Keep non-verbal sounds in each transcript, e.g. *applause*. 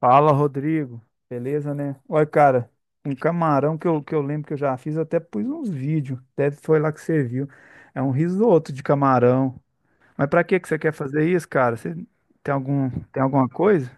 Fala, Rodrigo. Beleza, né? Olha, cara, um camarão que eu lembro que eu já fiz, eu até pus uns vídeos. Deve foi lá que você viu. É um risoto de camarão. Mas pra que que você quer fazer isso, cara? Você tem alguma coisa?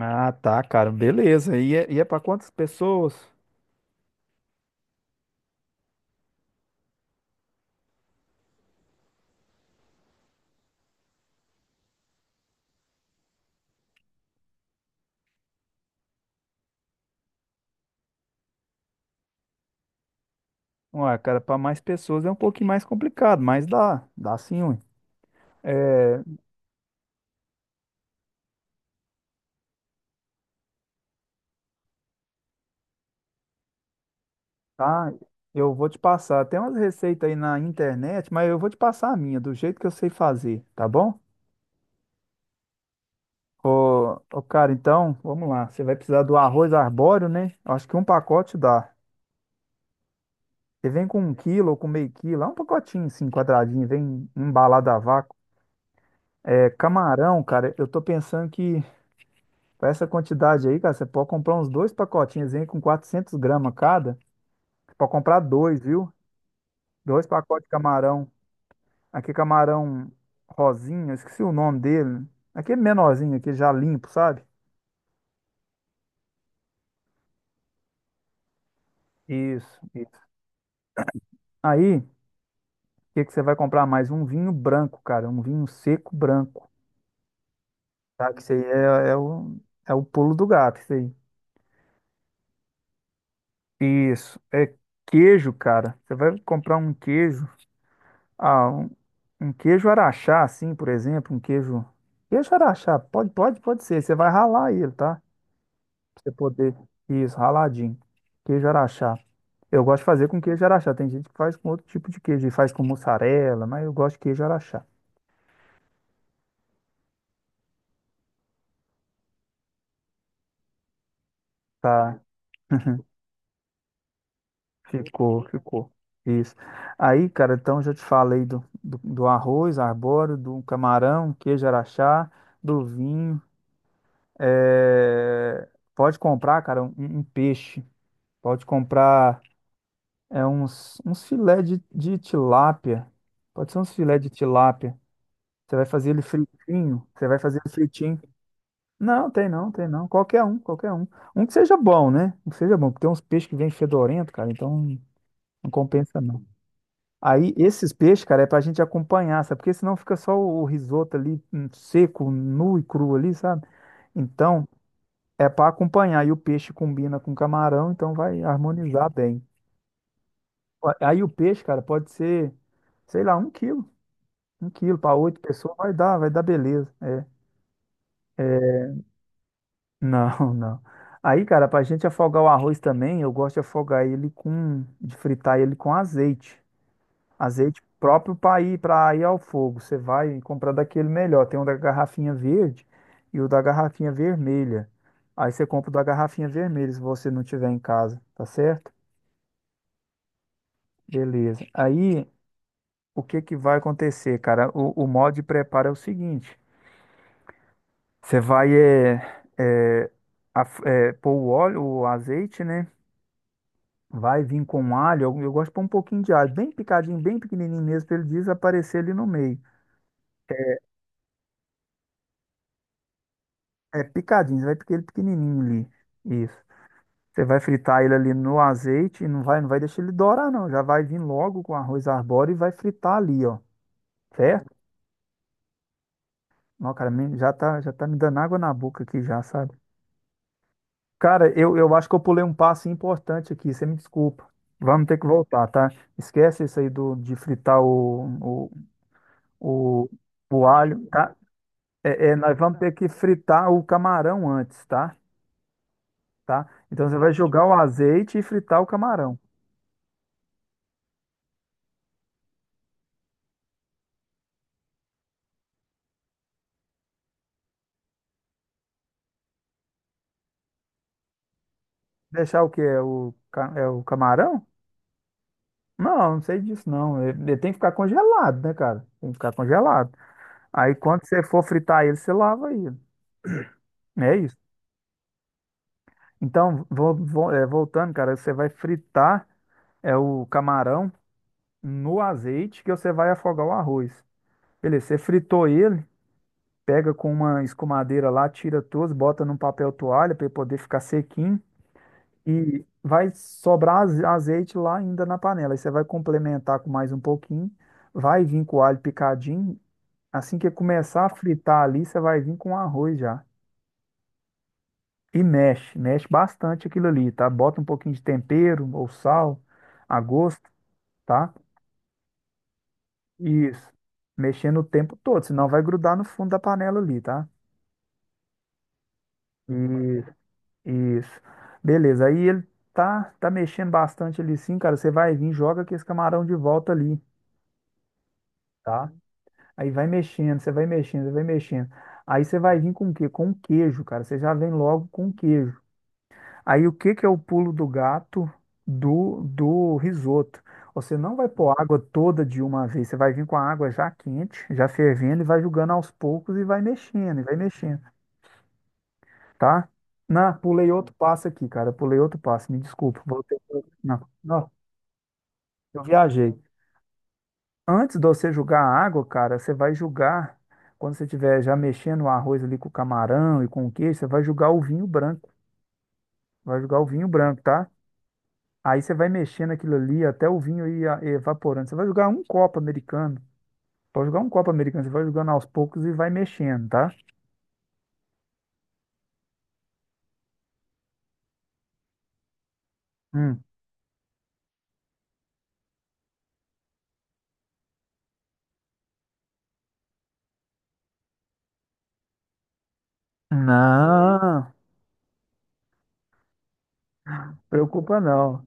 Ah, tá, cara, beleza. E é para quantas pessoas? Ué, cara, para mais pessoas é um pouquinho mais complicado, mas dá, dá sim, ué. É, tá, eu vou te passar. Tem umas receitas aí na internet, mas eu vou te passar a minha, do jeito que eu sei fazer, tá bom? Ô, cara, então, vamos lá. Você vai precisar do arroz arbóreo, né? Acho que um pacote dá. Você vem com 1 quilo ou com meio quilo, é um pacotinho assim, quadradinho, vem embalado a vácuo. É, camarão, cara, eu tô pensando que pra essa quantidade aí, cara, você pode comprar uns dois pacotinhos, vem com 400 gramas cada. Você pode comprar dois, viu? Dois pacotes de camarão. Aqui é camarão rosinha, eu esqueci o nome dele. Aqui é menorzinho, aqui já limpo, sabe? Isso, isso. Aí, que você vai comprar mais? Um vinho branco, cara, um vinho seco branco, tá? Que isso aí é o pulo do gato, isso aí. Isso, é queijo, cara. Você vai comprar um queijo, ah, um, um queijo araxá, assim, por exemplo, queijo araxá, pode ser. Você vai ralar ele, tá? Pra você poder, isso, raladinho. Queijo araxá. Eu gosto de fazer com queijo araxá. Tem gente que faz com outro tipo de queijo, e faz com mussarela, mas eu gosto de queijo araxá, tá? *laughs* Ficou, ficou. Isso. Aí, cara, então já te falei do arroz arbóreo, do camarão, queijo araxá, do vinho. É, pode comprar, cara, um peixe. Pode comprar uns filé de tilápia. Pode ser uns filé de tilápia. Você vai fazer ele fritinho. Você vai fazer ele fritinho. Não, tem não, tem não. Qualquer um, qualquer um. Um que seja bom, né? Um que seja bom, porque tem uns peixes que vêm fedorento, cara, então não compensa não. Aí, esses peixes, cara, é pra gente acompanhar, sabe? Porque senão fica só o risoto ali, seco, nu e cru ali, sabe? Então, é pra acompanhar. E o peixe combina com camarão, então vai harmonizar bem. Ó, aí o peixe, cara, pode ser, sei lá, 1 quilo. 1 quilo para oito pessoas vai dar beleza. É. *laughs* Não, não. Aí, cara, pra gente afogar o arroz também, eu gosto de afogar ele com, de fritar ele com azeite. Azeite próprio para ir ao fogo. Você vai comprar daquele melhor. Tem um da garrafinha verde e o da garrafinha vermelha. Aí você compra o da garrafinha vermelha se você não tiver em casa, tá certo? Beleza. Aí o que que vai acontecer, cara? O modo de preparo é o seguinte: você vai é, pôr o óleo, o azeite, né? Vai vir com alho. Eu gosto de pôr um pouquinho de alho, bem picadinho, bem pequenininho mesmo, para ele desaparecer ali no meio. É picadinho, você vai picar ele pequenininho ali. Isso. Você vai fritar ele ali no azeite, não vai deixar ele dourar, não. Já vai vir logo com arroz arbóreo e vai fritar ali, ó. Certo? Não, cara, já tá me dando água na boca aqui já, sabe? Cara, eu acho que eu pulei um passo importante aqui, você me desculpa. Vamos ter que voltar, tá? Esquece isso aí do, de fritar o, o alho, tá? Nós vamos ter que fritar o camarão antes, tá? Tá? Então você vai jogar o azeite e fritar o camarão. Deixar o quê? É o camarão? Não, não sei disso não. Ele tem que ficar congelado, né, cara? Tem que ficar congelado. Aí quando você for fritar ele, você lava ele. É isso. Então, voltando, cara, você vai fritar o camarão no azeite que você vai afogar o arroz. Beleza, você fritou ele, pega com uma escumadeira lá, tira todos, bota num papel toalha para ele poder ficar sequinho. E vai sobrar azeite lá ainda na panela. Aí você vai complementar com mais um pouquinho. Vai vir com o alho picadinho. Assim que começar a fritar ali, você vai vir com o arroz já. E mexe, mexe bastante aquilo ali, tá? Bota um pouquinho de tempero ou sal a gosto, tá? Isso. Mexendo o tempo todo, senão vai grudar no fundo da panela ali, tá? Isso, isso. Beleza. Aí ele tá mexendo bastante ali sim, cara. Você vai vir, joga aqui esse camarão de volta ali. Tá? Aí vai mexendo, você vai mexendo, você vai mexendo. Aí você vai vir com o quê? Com o queijo, cara. Você já vem logo com o queijo. Aí o que que é o pulo do gato do risoto? Você não vai pôr água toda de uma vez. Você vai vir com a água já quente, já fervendo, e vai jogando aos poucos e vai mexendo, tá? Não, pulei outro passo aqui, cara. Pulei outro passo. Me desculpa. Voltei. Não, não, eu viajei. Antes de você julgar a água, cara, você vai julgar, quando você estiver já mexendo o arroz ali com o camarão e com o queijo, você vai julgar o vinho branco. Vai julgar o vinho branco, tá? Aí você vai mexendo aquilo ali até o vinho ir evaporando. Você vai jogar um copo americano. Pode jogar um copo americano, você vai jogando aos poucos e vai mexendo, tá? Hum. Não, preocupa não.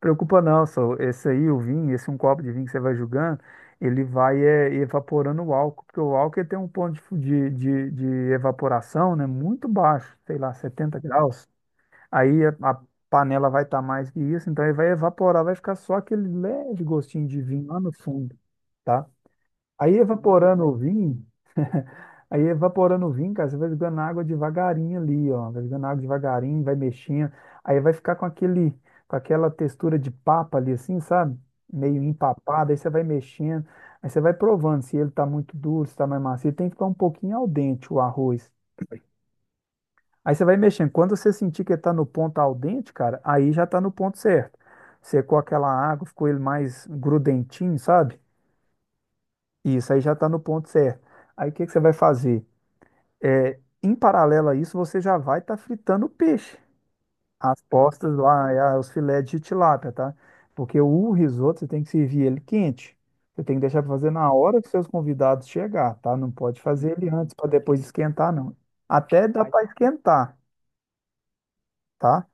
Preocupa não, só esse aí, o vinho, esse um copo de vinho que você vai julgando, ele vai evaporando o álcool, porque o álcool ele tem um ponto de, fu- de evaporação, né, muito baixo, sei lá, 70 graus. Aí a panela vai estar mais que isso, então ele vai evaporar, vai ficar só aquele leve gostinho de vinho lá no fundo, tá? Aí evaporando o vinho, Aí evaporando o vinho, cara, você vai jogando água devagarinho ali, ó. Vai jogando água devagarinho, vai mexendo. Aí vai ficar com com aquela textura de papa ali, assim, sabe? Meio empapada. Aí você vai mexendo. Aí você vai provando se ele tá muito duro, se tá mais macio. Tem que ficar um pouquinho al dente o arroz. Aí você vai mexendo. Quando você sentir que ele tá no ponto al dente, cara, aí já tá no ponto certo. Secou aquela água, ficou ele mais grudentinho, sabe? Isso aí já tá no ponto certo. Aí o que que você vai fazer? É, em paralelo a isso, você já vai estar fritando o peixe. As postas lá, os filés de tilápia, tá? Porque o risoto você tem que servir ele quente. Você tem que deixar para fazer na hora que seus convidados chegar, tá? Não pode fazer ele antes para depois esquentar, não. Até dá para esquentar, tá?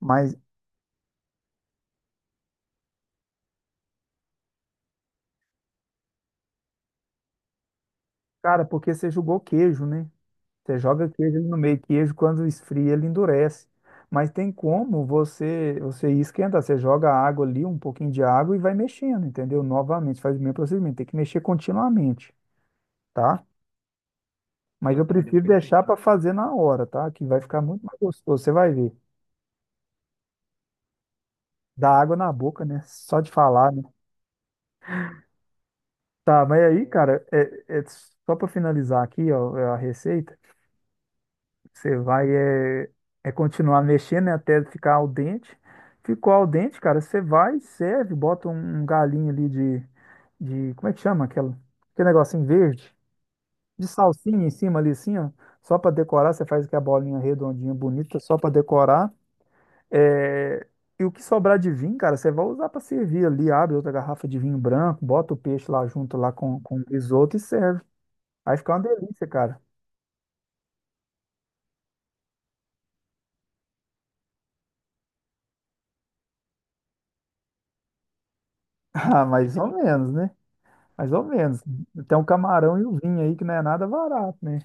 Mas, cara, porque você jogou queijo, né? Você joga queijo ali no meio, queijo quando esfria ele endurece. Mas tem como você esquentar, você joga água ali, um pouquinho de água e vai mexendo, entendeu? Novamente, faz o mesmo procedimento, tem que mexer continuamente, tá? Mas eu prefiro deixar para fazer na hora, tá? Que vai ficar muito mais gostoso, você vai ver. Dá água na boca, né? Só de falar, né? Tá, mas aí, cara, só para finalizar aqui, ó, a receita. Você vai é, continuar mexendo, né, até ficar al dente. Ficou al dente, cara, você vai, serve, bota um galinho ali de, como é que chama aquela? Aquele negocinho verde, de salsinha em cima ali assim, ó, só para decorar, você faz aquela bolinha redondinha bonita, só para decorar. É, e o que sobrar de vinho, cara, você vai usar para servir ali, abre outra garrafa de vinho branco, bota o peixe lá junto lá com o risoto e serve. Aí fica uma delícia, cara. *laughs* Ah, mais ou menos, né? Mais ou menos. Tem um camarão e o vinho aí que não é nada barato, né?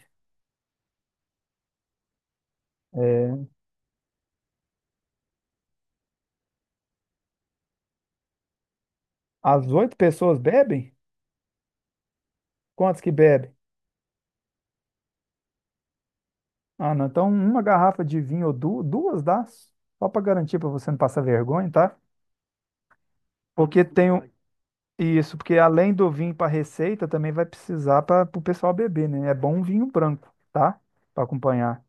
É, as oito pessoas bebem? Quantos que bebem? Ah, não. Então, uma garrafa de vinho ou duas dá? Só para garantir para você não passar vergonha, tá? Porque tem isso, porque além do vinho para receita, também vai precisar para o pessoal beber, né? É bom um vinho branco, tá? Para acompanhar.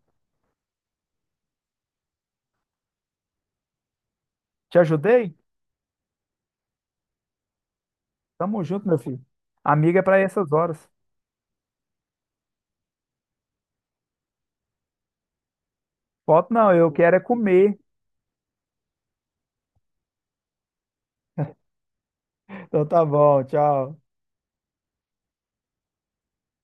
Te ajudei? Tamo junto, meu filho. Amiga é para essas horas. Foto não, eu quero é comer. *laughs* Então tá bom, tchau.